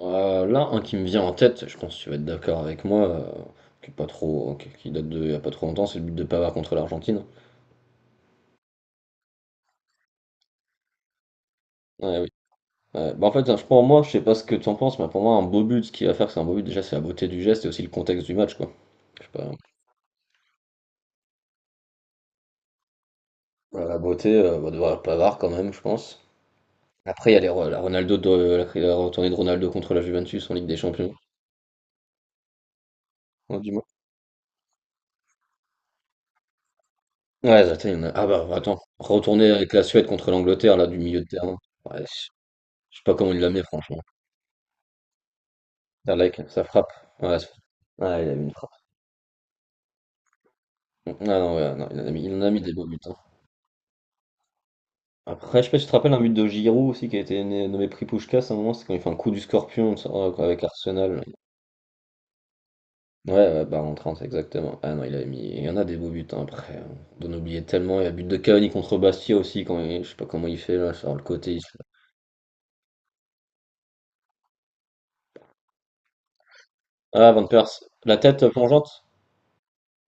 Un qui me vient en tête, je pense que tu vas être d'accord avec moi, qui est pas trop, qui date de il y a pas trop longtemps, c'est le but de Pavard contre l'Argentine. Ouais, oui. Ouais. Bah, en fait, je Pour moi, je sais pas ce que tu en penses, mais pour moi, un beau but, ce qu'il va faire, c'est un beau but. Déjà, c'est la beauté du geste et aussi le contexte du match, quoi. Je sais pas. Voilà. La beauté, va devoir Pavard quand même, je pense. Après, il y a la Ronaldo de, la retournée de Ronaldo contre la Juventus en Ligue des Champions. Oh, dis-moi. Ouais, attends, il y en a- Ah bah attends, retourner avec la Suède contre l'Angleterre là du milieu de terrain. Ouais, je sais pas comment il l'a mis, franchement. Ah, like, ça frappe. Ouais, ça- Ah, il a mis une frappe. Ah non, ouais, non, il en a mis des beaux buts, hein. Après, je sais pas si tu te rappelles un but de Giroud aussi qui a été nommé prix Puskás à un moment, c'est quand il fait un coup du scorpion ça, avec Arsenal. Ouais, ouais, bah en 30 exactement. Ah non, il a mis. Il y en a des beaux buts hein, après, hein. D'en oublier tellement. Il y a le but de Cavani contre Bastia aussi, je sais pas comment il fait là, sur le côté. Ah, Van Persie. La tête plongeante?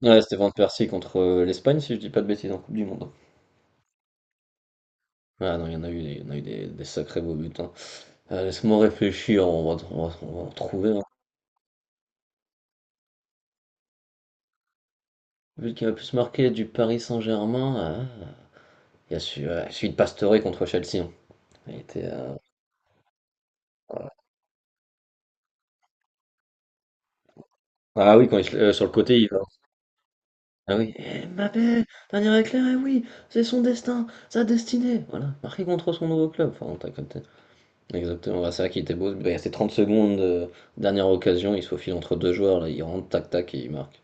Ouais, c'était Van Persie contre l'Espagne, si je dis pas de bêtises, en Coupe du Monde, hein. Ah non, il y en a eu des sacrés beaux buts, hein. Laisse-moi réfléchir, on va en trouver, hein. Celui qui m'a le plus marqué du Paris Saint-Germain, ah, il y a celui, ouais, celui de Pastore contre Chelsea, hein. Il était, voilà. Ah oui, sur le côté, il va. Ah oui. Eh, Mbappé, dernier éclair, eh oui, c'est son destin, sa destinée. Voilà, marqué contre son nouveau club. Enfin, t'as capté. Exactement, bah, c'est ça qui était beau. Bah, il restait 30 secondes, dernière occasion, il se faufile entre deux joueurs, là, il rentre, tac tac, et il marque.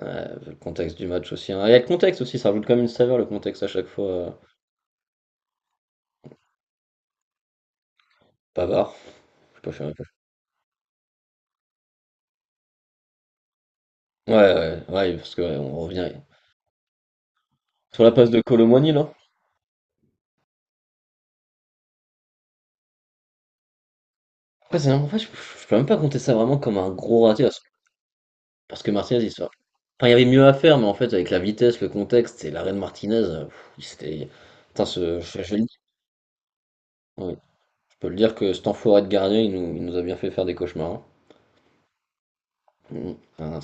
Ouais, le contexte du match aussi, hein. Il y a le contexte aussi, ça rajoute quand même une saveur, le contexte à chaque fois. Pavard, je sais pas. Ouais, ouais, ouais, parce que, ouais, on revient sur la passe de Colomboigny, là. Après, c'est en fait, je peux même pas compter ça vraiment comme un gros raté, parce que Martinez, il se Enfin, il y avait mieux à faire, mais en fait, avec la vitesse, le contexte et l'arrêt de Martinez, pff, il s'était... Putain, je le dire, ouais. Je peux le dire que cet enfoiré de gardien, il nous a bien fait faire des cauchemars, hein. Mm. Enfin,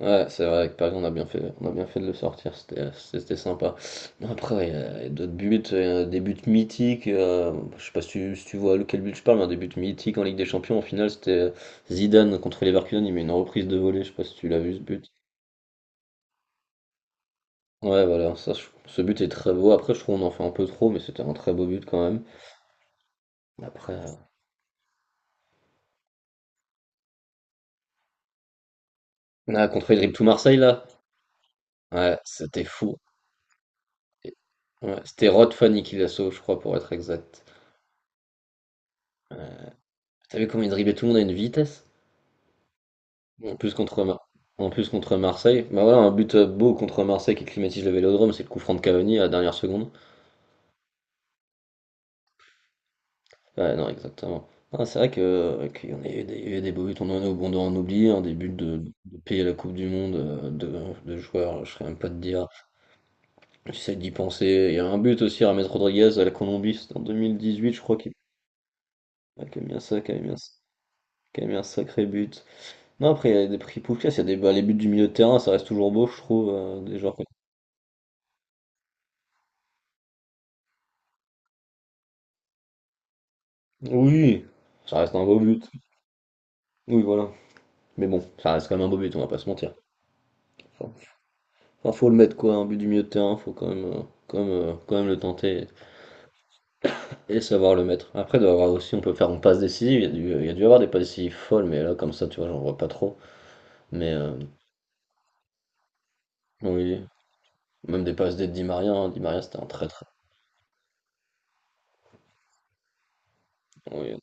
ouais, c'est vrai, avec Paris, on a bien fait de le sortir, c'était sympa. Non, après, il y a d'autres buts, des buts mythiques, je sais pas si si tu vois lequel but je parle, mais un des buts mythiques en Ligue des Champions, en finale, c'était Zidane contre Leverkusen, il met une reprise de volée, je sais pas si tu l'as vu ce but. Ouais, voilà, ça, ce but est très beau, après, je trouve qu'on en fait un peu trop, mais c'était un très beau but quand même. Après, euh, ah, contre il dribble tout Marseille, là, ouais, c'était fou. Et- Ouais, c'était Rod Fanny qui l'a sauvé, je crois, pour être exact. T'as vu comment il driblait tout le monde à une vitesse? En plus contre Mar- En plus contre Marseille. Bah voilà, un but beau contre Marseille qui climatise le Vélodrome, c'est le coup franc de Cavani à la dernière seconde. Ouais, non, exactement. Ah, c'est vrai que qu'il y en a eu des, il y a eu des beaux buts, on en a bon d'en oublier, hein, des buts de payer la Coupe du Monde de joueurs, je serais même pas de dire. J'essaie d'y penser. Il y a un but aussi, James Rodriguez à la Colombie, c'était en 2018, je crois qu'il ouais, qu'il a mis qu'il a mis un sacré but. Non, après, il y a des prix Puskás, il y a des, bah, les buts du milieu de terrain, ça reste toujours beau, je trouve, des joueurs. Oui, ça reste un beau but. Oui, voilà. Mais bon, ça reste quand même un beau but, on va pas se mentir. Enfin, enfin, faut le mettre quoi, un but du milieu de terrain, faut quand même, quand même le tenter et savoir le mettre. Après, il doit y avoir aussi, on peut faire une passe décisive, il y a dû y avoir des passes décisives folles, mais là, comme ça, tu vois, j'en vois pas trop. Mais oui, même des passes des Di Maria, hein. Di Maria c'était un très très. Oui,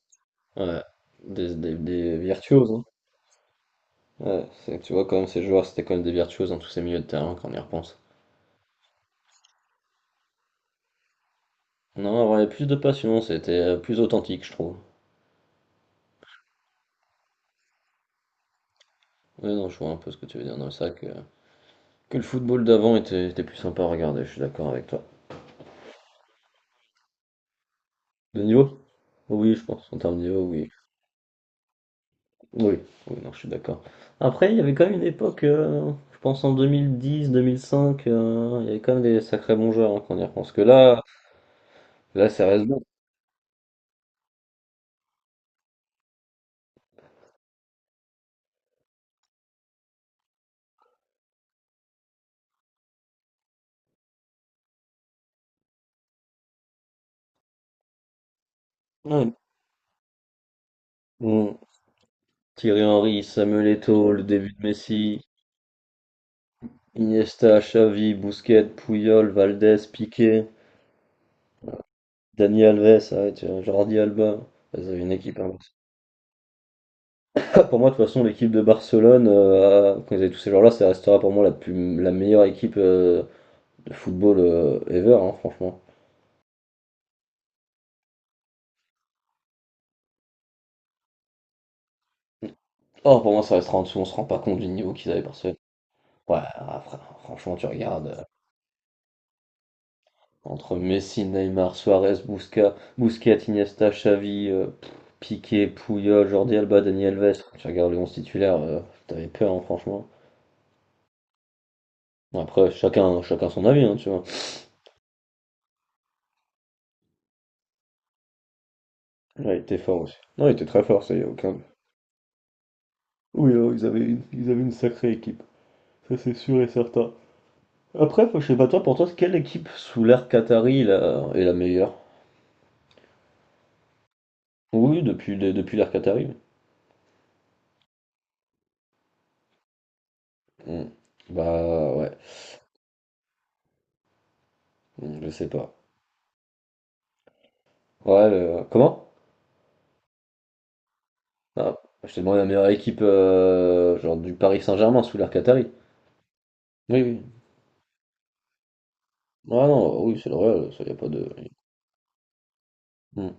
ouais, des virtuoses, hein. Ouais, c'est que tu vois, quand même, ces joueurs, c'était quand même des virtuoses dans tous ces milieux de terrain quand on y repense. Non, avoir plus de passion, c'était plus authentique, je trouve. Ouais, non, je vois un peu ce que tu veux dire. Non, c'est vrai que le football d'avant était plus sympa à regarder, je suis d'accord avec toi. De niveau? Oui, je pense. En termes de niveau, oui. Oui, oui, non, je suis d'accord. Après, il y avait quand même une époque, je pense en 2010, 2005, il y avait quand même des sacrés bons joueurs, hein, quand on y repense. Que là, là, ça reste bon. Ouais. Mm. Thierry Henry, Samuel Eto'o, le début de Messi, Iniesta, Xavi, Busquets, Puyol, Valdés, Piqué, Dani Alves, ah ouais, tiens, Jordi Alba. Vous avez une équipe hein. Pour moi, de toute façon, l'équipe de Barcelone, quand ils avaient tous ces joueurs-là, ça restera pour moi la meilleure équipe de football ever, hein, franchement. Or, pour moi, ça restera en dessous, on se rend pas compte du niveau qu'ils avaient Barcelone. Ouais, ah, franchement, tu regardes entre Messi, Neymar, Suarez, Busquets, Iniesta, Xavi, pff, Piqué, Puyol, Jordi Alba, Dani Alves. Quand tu regardes les 11 titulaire, t'avais peur, hein, franchement. Bon, après, chacun, chacun son avis, hein, tu vois. Ouais, il était fort aussi. Non, il était très fort, ça y a aucun. Oui, ils avaient une sacrée équipe. Ça, c'est sûr et certain. Après, je sais pas toi, pour toi, quelle équipe sous l'ère Qatari là, est la meilleure? Oui, depuis, depuis l'ère Qatari. Hmm. Bah ouais. Hmm, je sais pas. Ouais, comment? Ah, je t'ai demandé la meilleure équipe genre du Paris Saint-Germain sous l'ère Qatari. Oui, oui. Ah non, oui, c'est le Real, ça y a pas de. Hmm.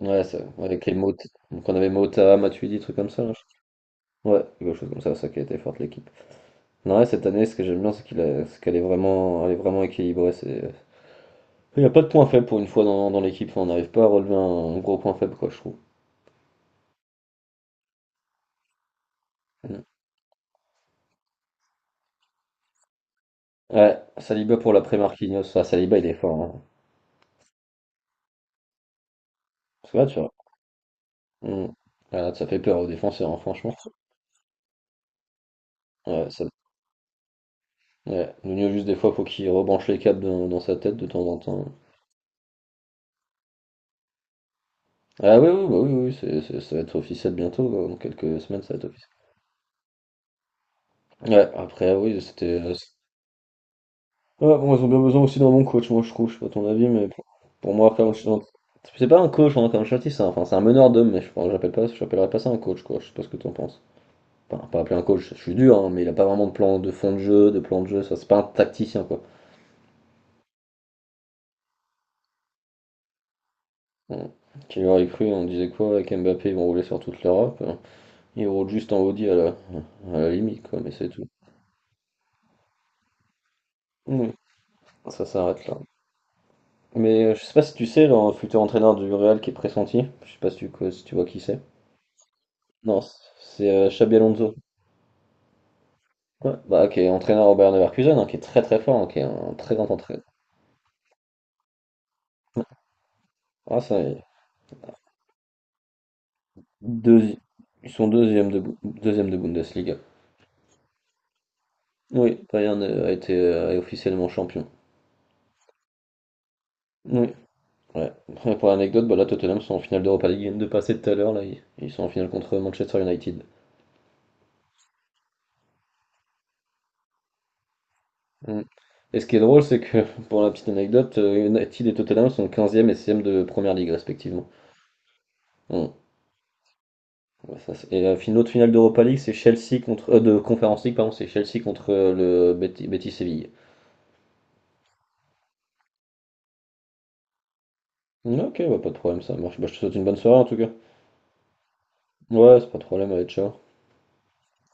Ouais, ça, ouais, avec les mots. Donc on avait Mota, Matuidi, trucs comme ça, là, crois. Ouais, quelque chose comme ça qui a été forte l'équipe. Non, ouais, cette année, ce que j'aime bien, c'est qu'elle est vraiment, elle est vraiment équilibrée. C'est… Il n'y a pas de point faible pour une fois dans l'équipe. Enfin, on n'arrive pas à relever un gros point faible, quoi, je trouve. Mm. Ouais, Saliba pour l'après Marquinhos. Ah, Saliba, il est fort, hein. Parce que là, tu vois. Mm. Ah, là, ça fait peur aux défenseurs, hein, franchement. Ouais, ça... ouais. Nuno, juste des fois, faut qu'il rebranche les câbles dans sa tête de temps en temps. Ah oui, oui, bah oui, oui, oui, ça va être officiel bientôt, quoi. Dans quelques semaines, ça va être officiel. Ouais, après, oui, c'était. Ouais, bon, ils ont bien besoin aussi d'un bon coach, moi je trouve, je sais pas ton avis, mais pour moi, après Ancelotti, c'est pas un coach, hein, Rafael Ancelotti, c'est un, enfin, c'est un meneur d'hommes, mais j'appelle pas, j'appellerais pas ça un coach, quoi, je sais pas ce que t'en penses. Enfin, pas appeler un coach, je suis dur, hein, mais il a pas vraiment de plan de fond de jeu, de plan de jeu, ça, c'est pas un tacticien, quoi. Bon, qui aurait cru, on disait quoi, avec Mbappé, ils vont rouler sur toute l'Europe, hein. Ils roulent juste en Audi à la limite, quoi, mais c'est tout. Oui, ça s'arrête là. Mais je sais pas si tu sais, le futur entraîneur du Real qui est pressenti, je sais pas si si tu vois qui c'est. Non, c'est Xabi Alonso. Ouais. Bah, qui est entraîneur au Bayern Leverkusen, hein, qui est très très fort, hein, qui est un très grand entraîneur. Ah, ça y est. Deuxi- Ils sont deuxième de, deuxième de Bundesliga. Oui, Bayern a été est officiellement champion. Oui, ouais. Et pour l'anecdote, bah, là, Tottenham sont en finale d'Europa League. Ils viennent de passer tout à l'heure, là. Ils sont en finale contre Manchester United. Mm. Et ce qui est drôle, c'est que, pour la petite anecdote, United et Tottenham sont quinzième et 16 de Première Ligue, respectivement. Mm. Ouais, ça, et l'autre finale d'Europa League, c'est Chelsea contre de Conference League, pardon, c'est Chelsea contre le Betis Betis Séville. Ok, bah, pas de problème, ça marche. Bah, je te souhaite une bonne soirée en tout cas. Ouais, c'est pas de problème, allez, ciao.